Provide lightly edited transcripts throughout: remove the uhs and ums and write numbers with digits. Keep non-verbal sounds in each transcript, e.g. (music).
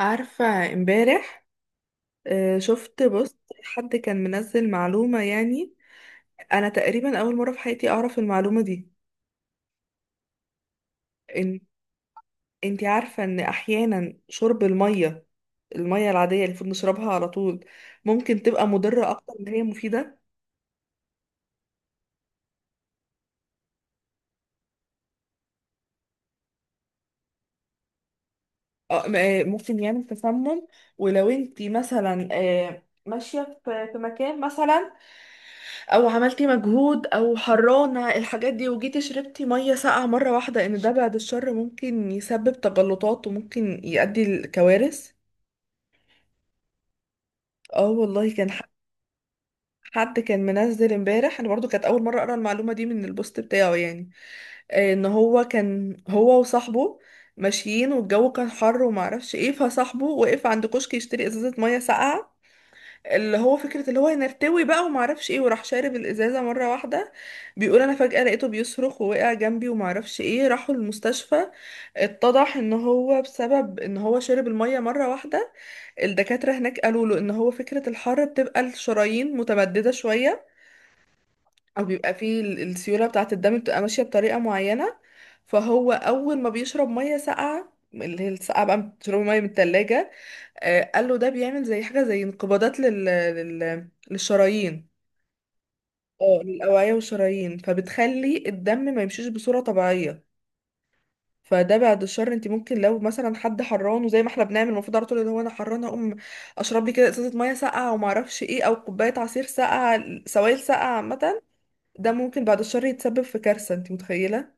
عارفة امبارح؟ شفت بوست حد كان منزل معلومة، يعني أنا تقريبا أول مرة في حياتي أعرف المعلومة دي. إن أنتي عارفة إن أحيانا شرب المية، المية العادية اللي المفروض نشربها على طول ممكن تبقى مضرة أكتر ما هي مفيدة. ممكن يعمل تسمم. ولو أنتي مثلا ماشية في مكان مثلا او عملتي مجهود او حرانة الحاجات دي، وجيتي شربتي مية ساقعة مرة واحدة، ان ده بعد الشر ممكن يسبب تجلطات وممكن يؤدي لكوارث. اه والله، حد كان منزل امبارح، انا برضو كانت اول مرة اقرا المعلومة دي من البوست بتاعه، يعني ان هو كان هو وصاحبه ماشيين والجو كان حر وما اعرفش ايه، فصاحبه وقف عند كشك يشتري ازازة مية ساقعة، اللي هو فكرة اللي هو نرتوي بقى وما اعرفش ايه، وراح شارب الازازة مرة واحدة. بيقول انا فجأة لقيته بيصرخ ووقع جنبي وما اعرفش ايه، راحوا المستشفى. اتضح ان هو بسبب ان هو شرب المية مرة واحدة. الدكاترة هناك قالوا له ان هو فكرة الحر بتبقى الشرايين متمددة شوية، او بيبقى فيه السيوله بتاعه الدم بتبقى ماشيه بطريقه معينه. فهو اول ما بيشرب ميه ساقعه، اللي هي الساقعه بقى بتشرب ميه من التلاجة، آه قال له ده بيعمل زي حاجه، زي انقباضات للشرايين، اه للاوعيه والشرايين، فبتخلي الدم ما يمشيش بصوره طبيعيه. فده بعد الشر انت ممكن لو مثلا حد حران، وزي ما احنا بنعمل المفروض على طول، اللي هو انا حران اقوم اشرب لي كده ازازه ميه ساقعه وما اعرفش ايه، او كوبايه عصير ساقعه، سوائل ساقعه عامه، ده ممكن بعد الشر يتسبب في كارثة، انت متخيلة؟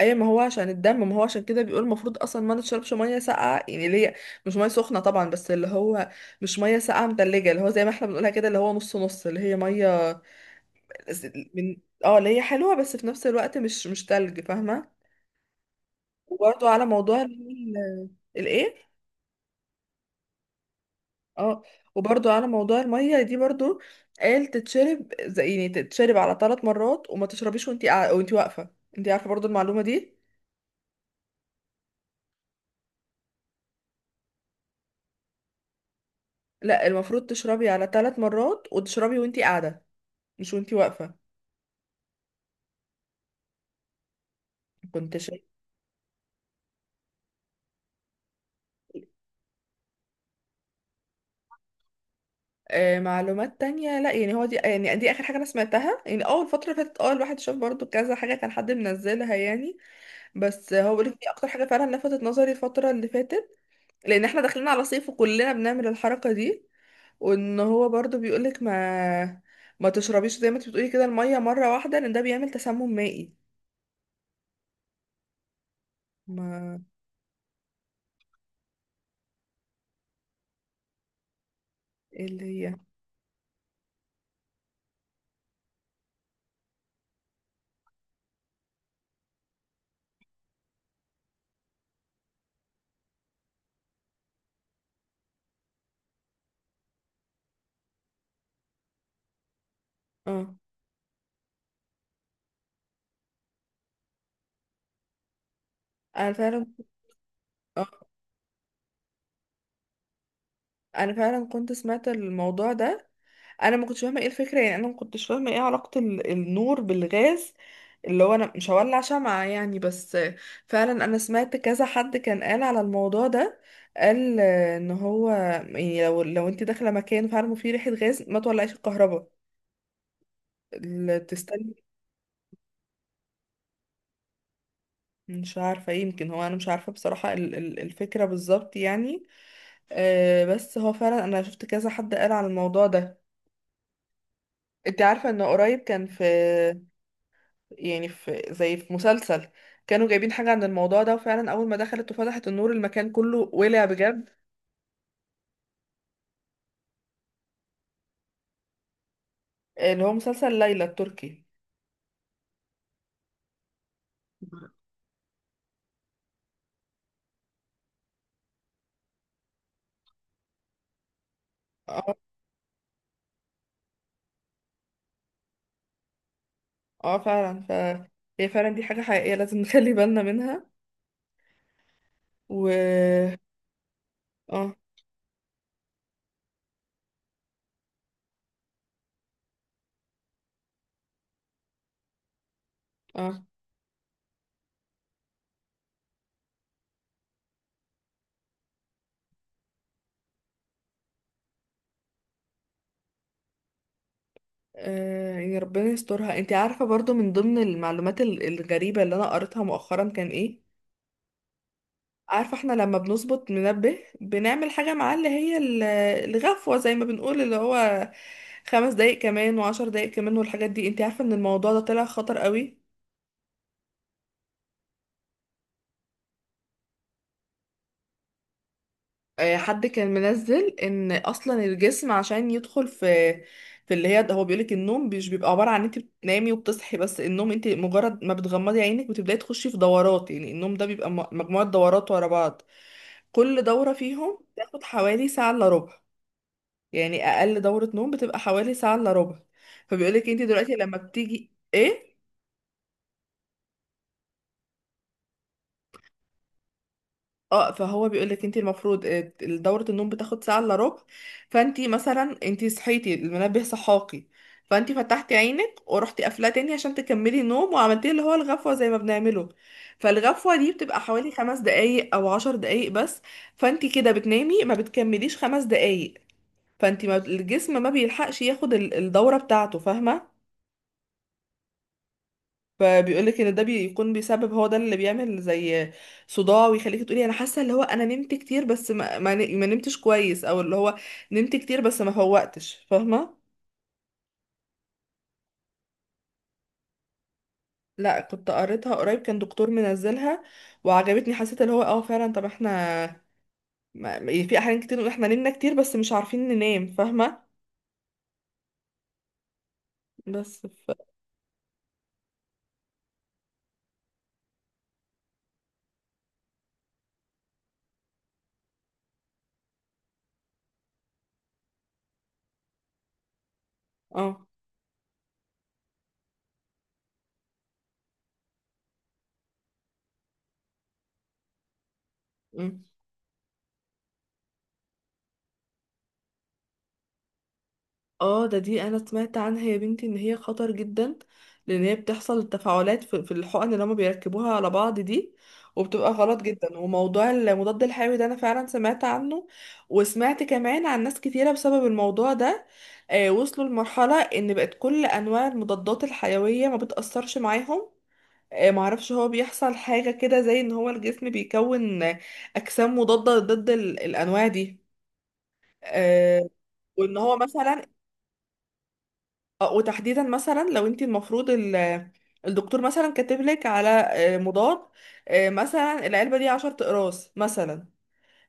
اي ما هو عشان الدم، ما هو عشان كده بيقول المفروض اصلا ما نشربش ميه ساقعه، يعني اللي هي مش ميه سخنه طبعا، بس اللي هو مش ميه ساقعه متلجه، اللي هو زي ما احنا بنقولها كده اللي هو نص نص، اللي هي ميه ز- من اه اللي هي حلوه بس في نفس الوقت مش تلج، فاهمه؟ وبرضو على موضوع الايه اه وبرضو على موضوع الميه دي برضو، قال تتشرب زي يعني تتشرب على 3 مرات، وما تشربيش وانت واقفه. انت عارفه برضو المعلومه دي؟ لا المفروض تشربي على 3 مرات، وتشربي وانتي قاعدة، مش وانتي واقفة. كنت شايفة؟ آه معلومات تانية، لا يعني هو دي يعني دي آخر حاجة أنا سمعتها يعني. أول الفترة اللي فاتت اه الواحد شاف برضو كذا حاجة كان حد منزلها يعني. بس هو بيقولك دي أكتر حاجة فعلا لفتت نظري الفترة اللي فاتت، لأن احنا داخلين على صيف وكلنا بنعمل الحركة دي. وإن هو برضو بيقولك ما تشربيش زي ما انت بتقولي كده المية مرة واحدة، لأن ده بيعمل تسمم مائي. ما ايه اللي هي؟ اه أنا فعلا آه. انا فعلا كنت سمعت الموضوع ده. انا ما كنتش فاهمه ايه الفكره، يعني انا ما كنتش فاهمه ايه علاقه النور بالغاز، اللي هو انا مش هولع شمعة يعني، بس فعلا انا سمعت كذا حد كان قال على الموضوع ده. قال ان هو يعني لو انت داخله مكان فعلا فيه ريحه غاز ما تولعيش الكهرباء، تستني. مش عارفه، يمكن هو انا مش عارفه بصراحه الفكره بالظبط يعني. بس هو فعلا انا شفت كذا حد قال على الموضوع ده. انت عارفه ان قريب كان في يعني في زي في مسلسل كانوا جايبين حاجة عن الموضوع ده، وفعلا أول ما دخلت وفتحت النور المكان كله ولع بجد. اللي هو مسلسل ليلى التركي. اه اه فعلا. ف هي فعلا دي حاجة حقيقية لازم (laughs) نخلي بالنا منها. و اه اه يعني ربنا يسترها. انت عارفة برضو من ضمن المعلومات الغريبة اللي انا قريتها مؤخرا كان ايه؟ عارفة احنا لما بنظبط منبه بنعمل حاجة معاه اللي هي الغفوة زي ما بنقول، اللي هو 5 دقايق كمان وعشر دقايق كمان والحاجات دي، انت عارفة ان الموضوع ده طلع خطر قوي؟ اه، حد كان منزل ان اصلا الجسم عشان يدخل في في اللي هي، هو بيقولك النوم مش بيبقى عبارة عن انت بتنامي وبتصحي بس، النوم انت مجرد ما بتغمضي عينك بتبداي تخشي في دورات، يعني النوم ده بيبقى مجموعة دورات ورا بعض. كل دورة فيهم بتاخد حوالي ساعة الا ربع، يعني اقل دورة نوم بتبقى حوالي ساعة الا ربع. فبيقولك انت دلوقتي لما بتيجي ايه، اه فهو بيقولك انت المفروض دورة النوم بتاخد ساعة الا ربع. فانت مثلا انت صحيتي المنبه صحاكي، فانت فتحتي عينك ورحتي قافلاه تاني عشان تكملي النوم، وعملتي اللي هو الغفوة زي ما بنعمله، فالغفوة دي بتبقى حوالي 5 دقايق او 10 دقايق بس. فانت كده بتنامي ما بتكمليش 5 دقايق، فانت ما الجسم ما بيلحقش ياخد الدورة بتاعته، فاهمة؟ فبيقولك ان ده بيكون بيسبب، هو ده اللي بيعمل زي صداع، ويخليكي تقولي انا حاسه اللي هو انا نمت كتير بس ما نمتش كويس، او اللي هو نمت كتير بس ما فوقتش، فاهمه؟ لا كنت قريتها قريب، كان دكتور منزلها وعجبتني، حسيت اللي هو اه فعلا. طب احنا في احيان كتير نقول احنا نمنا كتير بس مش عارفين ننام، فاهمه؟ بس ف... اه إمم. اه ده دي انا سمعت عنها يا بنتي ان هي خطر جدا، لان هي بتحصل التفاعلات في الحقن اللي هما بيركبوها على بعض دي، وبتبقى غلط جدا. وموضوع المضاد الحيوي ده انا فعلا سمعت عنه، وسمعت كمان عن ناس كتيرة بسبب الموضوع ده آه وصلوا لمرحلة ان بقت كل انواع المضادات الحيوية ما بتأثرش معاهم. آه معرفش هو بيحصل حاجة كده زي ان هو الجسم بيكون اجسام مضادة ضد الانواع دي. آه، وان هو مثلا وتحديدا مثلا لو انت المفروض الدكتور مثلا كاتب لك على مضاد، مثلا العلبه دي 10 اقراص مثلا،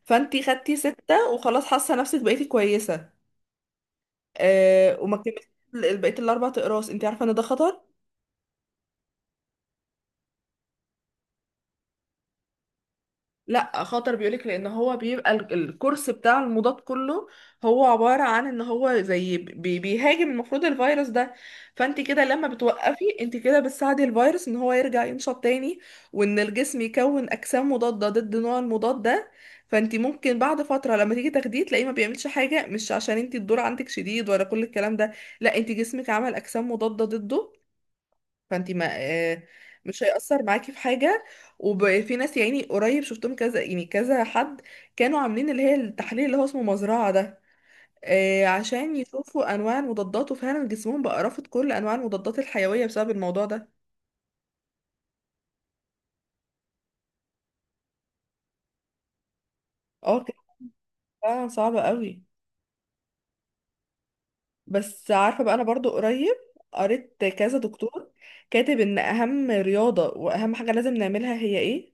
فانت خدتي سته وخلاص حاسه نفسك بقيتي كويسه، وما كملتيش بقيه ال4 اقراص، انت عارفه ان ده خطر؟ لا خطر، بيقولك لان هو بيبقى الكورس بتاع المضاد كله هو عبارة عن ان هو زي بي بيهاجم المفروض الفيروس ده، فانت كده لما بتوقفي انت كده بتساعدي الفيروس ان هو يرجع ينشط تاني، وان الجسم يكون اجسام مضادة ضد نوع المضاد ده. فانت ممكن بعد فترة لما تيجي تاخديه تلاقيه ما بيعملش حاجة، مش عشان انت الدور عندك شديد ولا كل الكلام ده، لا انت جسمك عمل اجسام مضادة ضده، فانت ما مش هيأثر معاكي في حاجة. وفي ناس يعني قريب شفتهم كذا، يعني كذا حد كانوا عاملين اللي هي التحليل اللي هو اسمه مزرعة ده، عشان يشوفوا انواع المضادات، وفعلا جسمهم بقى رافض كل انواع المضادات الحيوية بسبب الموضوع ده. اه كانت فعلا صعبة قوي. بس عارفة بقى انا برضو قريب قريت كذا دكتور كاتب ان اهم رياضة واهم حاجة لازم نعملها هي ايه؟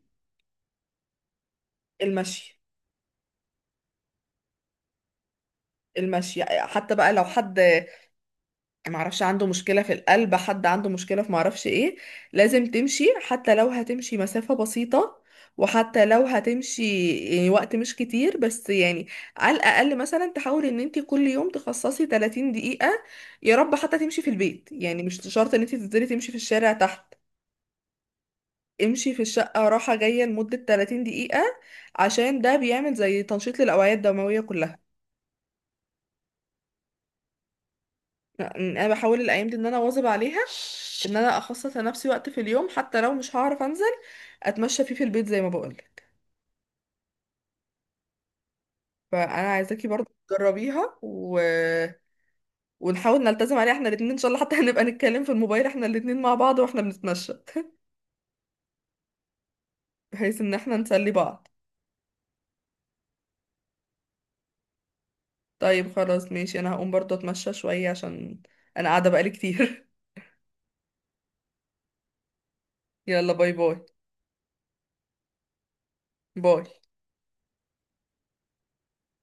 المشي. المشي حتى بقى لو حد معرفش عنده مشكلة في القلب، حد عنده مشكلة في معرفش ايه، لازم تمشي حتى لو هتمشي مسافة بسيطة، وحتى لو هتمشي يعني وقت مش كتير بس يعني على الأقل مثلا تحاول ان انت كل يوم تخصصي 30 دقيقة. يا رب حتى تمشي في البيت يعني، مش شرط ان انت تنزلي تمشي في الشارع تحت، امشي في الشقة راحة جاية لمدة 30 دقيقة، عشان ده بيعمل زي تنشيط للأوعية الدموية كلها. انا بحاول الايام دي ان انا واظب عليها، ان انا اخصص لنفسي وقت في اليوم، حتى لو مش هعرف انزل اتمشى فيه في البيت زي ما بقولك. فانا عايزاكي برضو تجربيها ونحاول نلتزم عليها احنا الاتنين ان شاء الله، حتى (laughs) هنبقى نتكلم في الموبايل احنا الاتنين مع بعض واحنا بنتمشى (laughs) بحيث ان احنا نسلي بعض. طيب خلاص ماشي، انا هقوم برضو اتمشى شوية عشان انا قاعدة بقالي كتير. (laughs) يلا باي باي. باي.